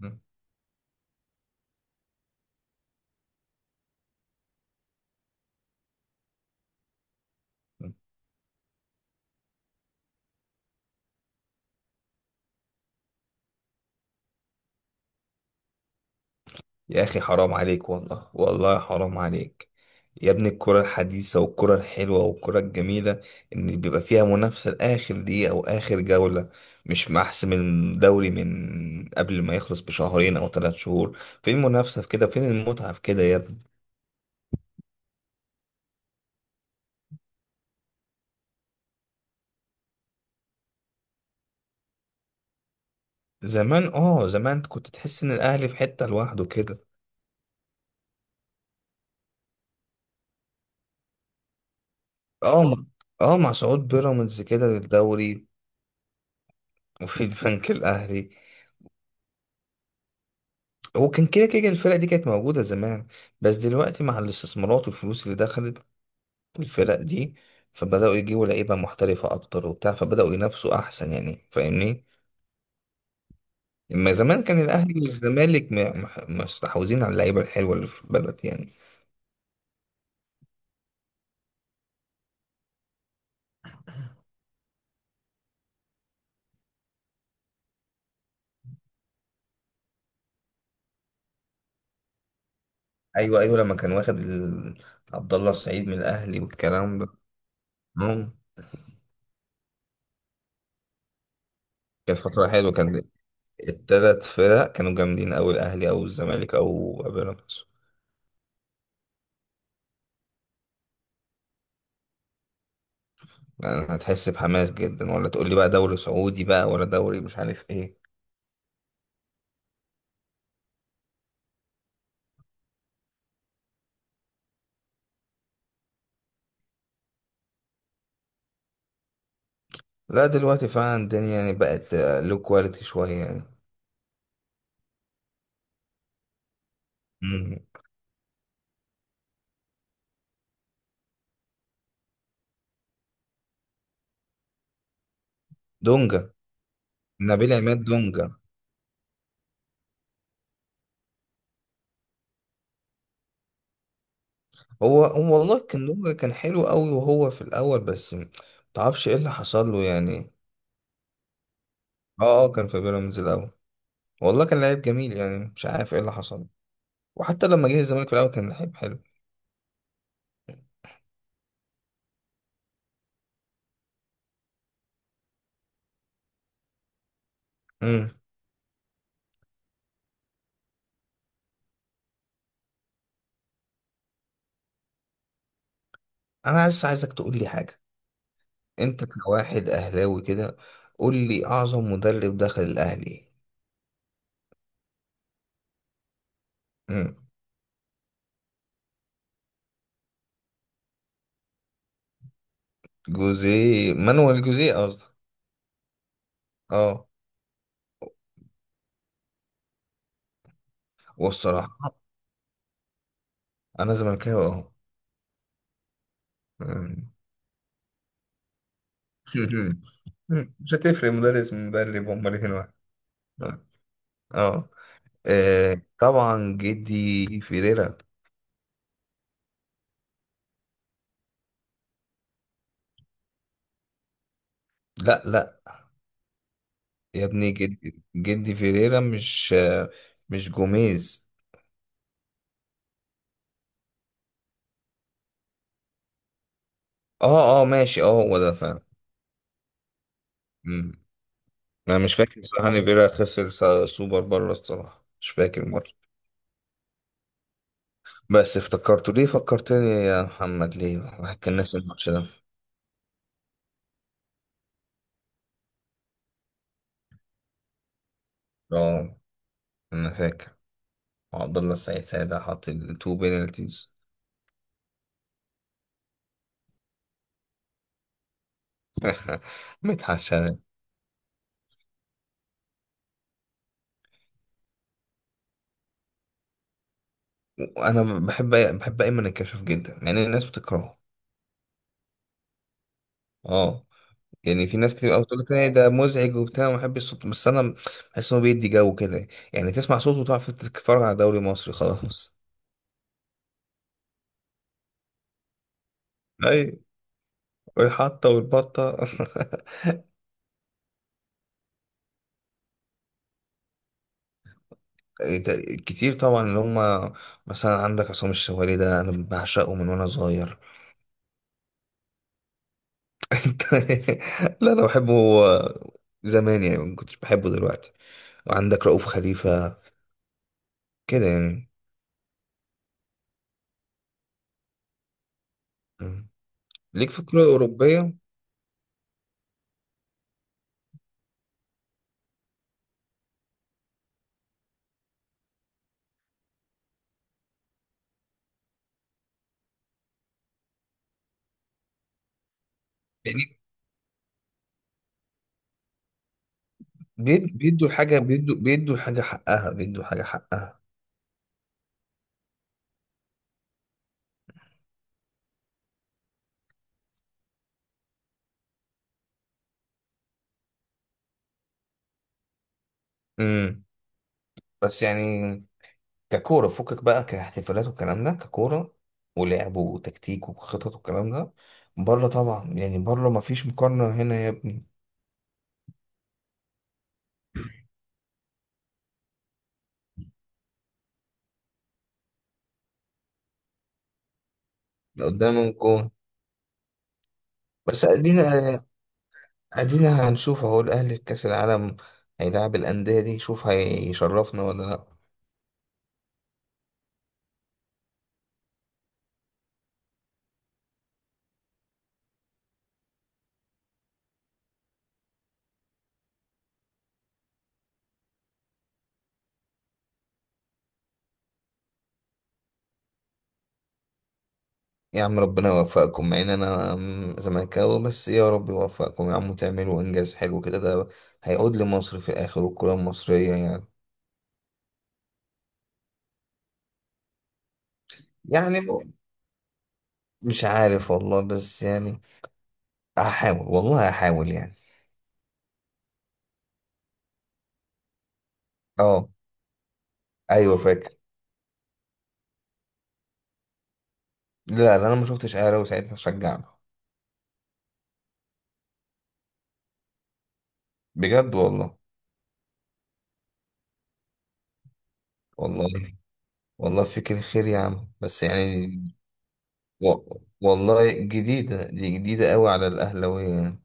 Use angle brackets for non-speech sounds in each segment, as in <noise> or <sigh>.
مم. يا أخي، حرام عليك، والله والله حرام عليك. يا ابني، الكرة الحديثة والكرة الحلوة والكرة الجميلة إن بيبقى فيها منافسة لآخر دقيقة أو آخر جولة، مش محسم الدوري من قبل ما يخلص بشهرين أو ثلاث شهور. فين المنافسة في كده؟ فين المتعة في كده يا ابني؟ زمان كنت تحس إن الأهلي في حتة لوحده كده. اه مع- اه مع صعود بيراميدز كده للدوري. وفي البنك الأهلي. وكان كده كده الفرق دي كانت موجودة زمان، بس دلوقتي مع الاستثمارات والفلوس اللي دخلت الفرق دي، فبدأوا يجيبوا لعيبة محترفة أكتر وبتاع، فبدأوا ينافسوا أحسن يعني. فاهمني؟ اما زمان كان الأهلي والزمالك مستحوذين على اللعيبة الحلوة اللي في البلد يعني. أيوه أيوه، لما كان واخد عبد الله السعيد من الأهلي والكلام ده. مم. كانت فترة حلوة، كان التلات فرق كانوا جامدين أوي، الأهلي أو الزمالك أو بيراميدز. يعني هتحس بحماس جدا، ولا تقول لي بقى دوري سعودي بقى ولا دوري مش عارف ايه. لا دلوقتي فعلا الدنيا يعني بقت لو كواليتي شوية يعني. مم. دونجا. نبيل عماد دونجا. هو هو والله، كان دونجا كان حلو قوي وهو في الأول، بس متعرفش ايه اللي حصل له يعني. اه اه، كان في بيراميدز الأول. والله كان لعيب جميل، يعني مش عارف ايه اللي حصل له. وحتى لما جه الزمالك في الأول كان لعيب حلو. مم. أنا بس عايزك تقول لي حاجة. أنت كواحد أهلاوي كده، قول لي أعظم مدرب دخل الأهلي. مم. جوزيه. مانويل جوزيه قصدك. اه. والصراحة أنا زملكاوي أهو. مم. <laughs> مم. مش هتفرق مدرس من مدرب، هما الاتنين واحد. اه. آه. آه، طبعا جدي فيريرا. لا لا يا ابني، جدي جدي فيريرا، مش جوميز. اه اه ماشي، اه هو ده فعلا. مم. انا مش فاكر بصراحة ان فيريرا خسر سوبر بره، الصراحة مش فاكر الماتش. بس افتكرته ليه، فكرتني يا محمد، ليه الواحد كان ناسي الماتش ده. اه انا فاكر، عبد الله السعيد ساعتها حاط التو بينالتيز. <laughs> متحش انا. وانا بحب ايمن الكشف جدا يعني الناس بتكرهه. اه. يعني في ناس كتير قوي بتقول لك إيه ده مزعج وبتاع وما بحبش صوته، بس انا بحس انه بيدي جو كده. يعني تسمع صوته وتعرف تتفرج على دوري مصري خلاص. <laughs> اي، والحطه والبطه. <laughs> إيه، كتير طبعا اللي هم مثلا عندك عصام الشوالي، ده انا بعشقه من وانا صغير. <laughs> انت- لا انا بحبه. زمان يعني ما كنتش بحبه دلوقتي. وعندك رؤوف خليفة كده يعني. مم. ليك في الكرة الأوروبية؟ يعني بيدوا الحاجة، بيدوا الحاجة حقها، بيدوا الحاجة حقها. امم بس يعني ككورة فكك بقى، كاحتفالات والكلام ده، ككورة ولعب وتكتيك وخطط والكلام ده، بره طبعا. يعني بره مفيش مقارنة هنا يا ابني. ده قدام الجون. بس ادينا هنشوف اهو الاهلي في كاس العالم، هيلاعب الانديه دي، شوف هيشرفنا ولا لا. يا عم ربنا يوفقكم مع ان انا زملكاوي، بس يا رب يوفقكم يا عم، وتعملوا انجاز حلو كده، ده هيعود لمصر في الاخر والكره المصريه يعني. يعني مش عارف والله، بس يعني هحاول والله هحاول يعني. اه. ايوه فاكر. لا لا، انا ما شفتش اهلاوي ساعتها شجعنا. بجد والله. والله والله فيك الخير يا عم، بس يعني والله جديدة دي، جديدة قوي على الأهلاوية يعني.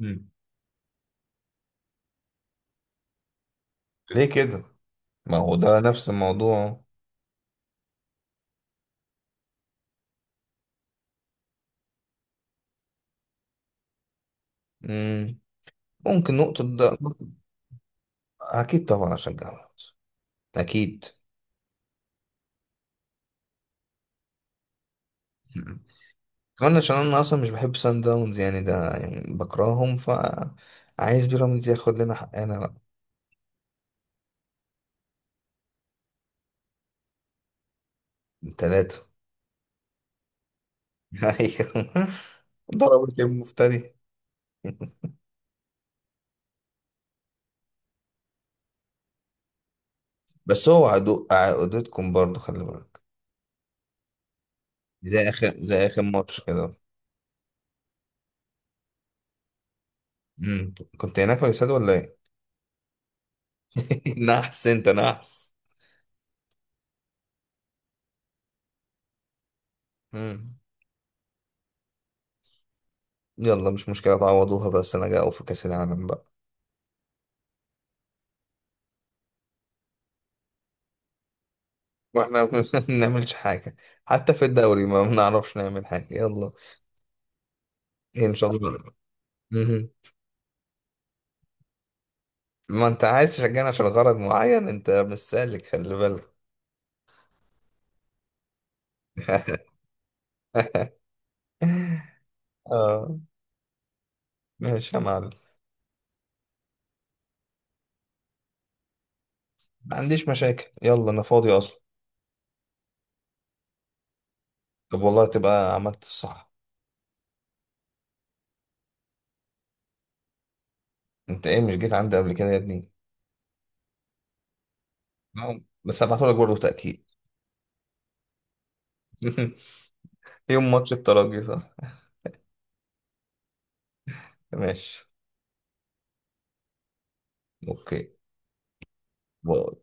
مم. ليه كده؟ ما هو ده نفس الموضوع. مم. ممكن نقطة ده. أكيد طبعا أشجع الأهلي. أكيد. مم. كمان عشان أنا أصلا مش بحب سان داونز يعني، ده يعني بكرههم، فعايز بيراميدز ياخد لنا حقنا بقى. تلاتة. <laughs> أيوه. ضربت المفتري. بس هو عدو عقدتكم برضه، خلي بالك. زي آخر ماتش كده. مم. كنت هناك في الاستاد ولا إيه؟ <laughs> نحس انت نحس. مم. يلا مش مشكلة تعوضوها، بس انا جاي في كأس العالم بقى. واحنا <laughs> ما بنعملش حاجة، حتى في الدوري ما بنعرفش نعمل حاجة. يلا. إيه، ان شاء الله. مم. ما انت عايز تشجعنا عشان غرض معين، انت مش سالك خلي بالك. <laughs> اه. ماشي يا معلم. ما عنديش مشاكل، يلا انا فاضي اصلا. طب والله تبقى عملت الصح. انت ايه مش جيت عندي قبل كده يا ابني؟ نعم. بس هبعتهولك برضه تأكيد. <laughs> يوم ماتش الترجي صح؟ <laughs> ماشي. اوكي. و-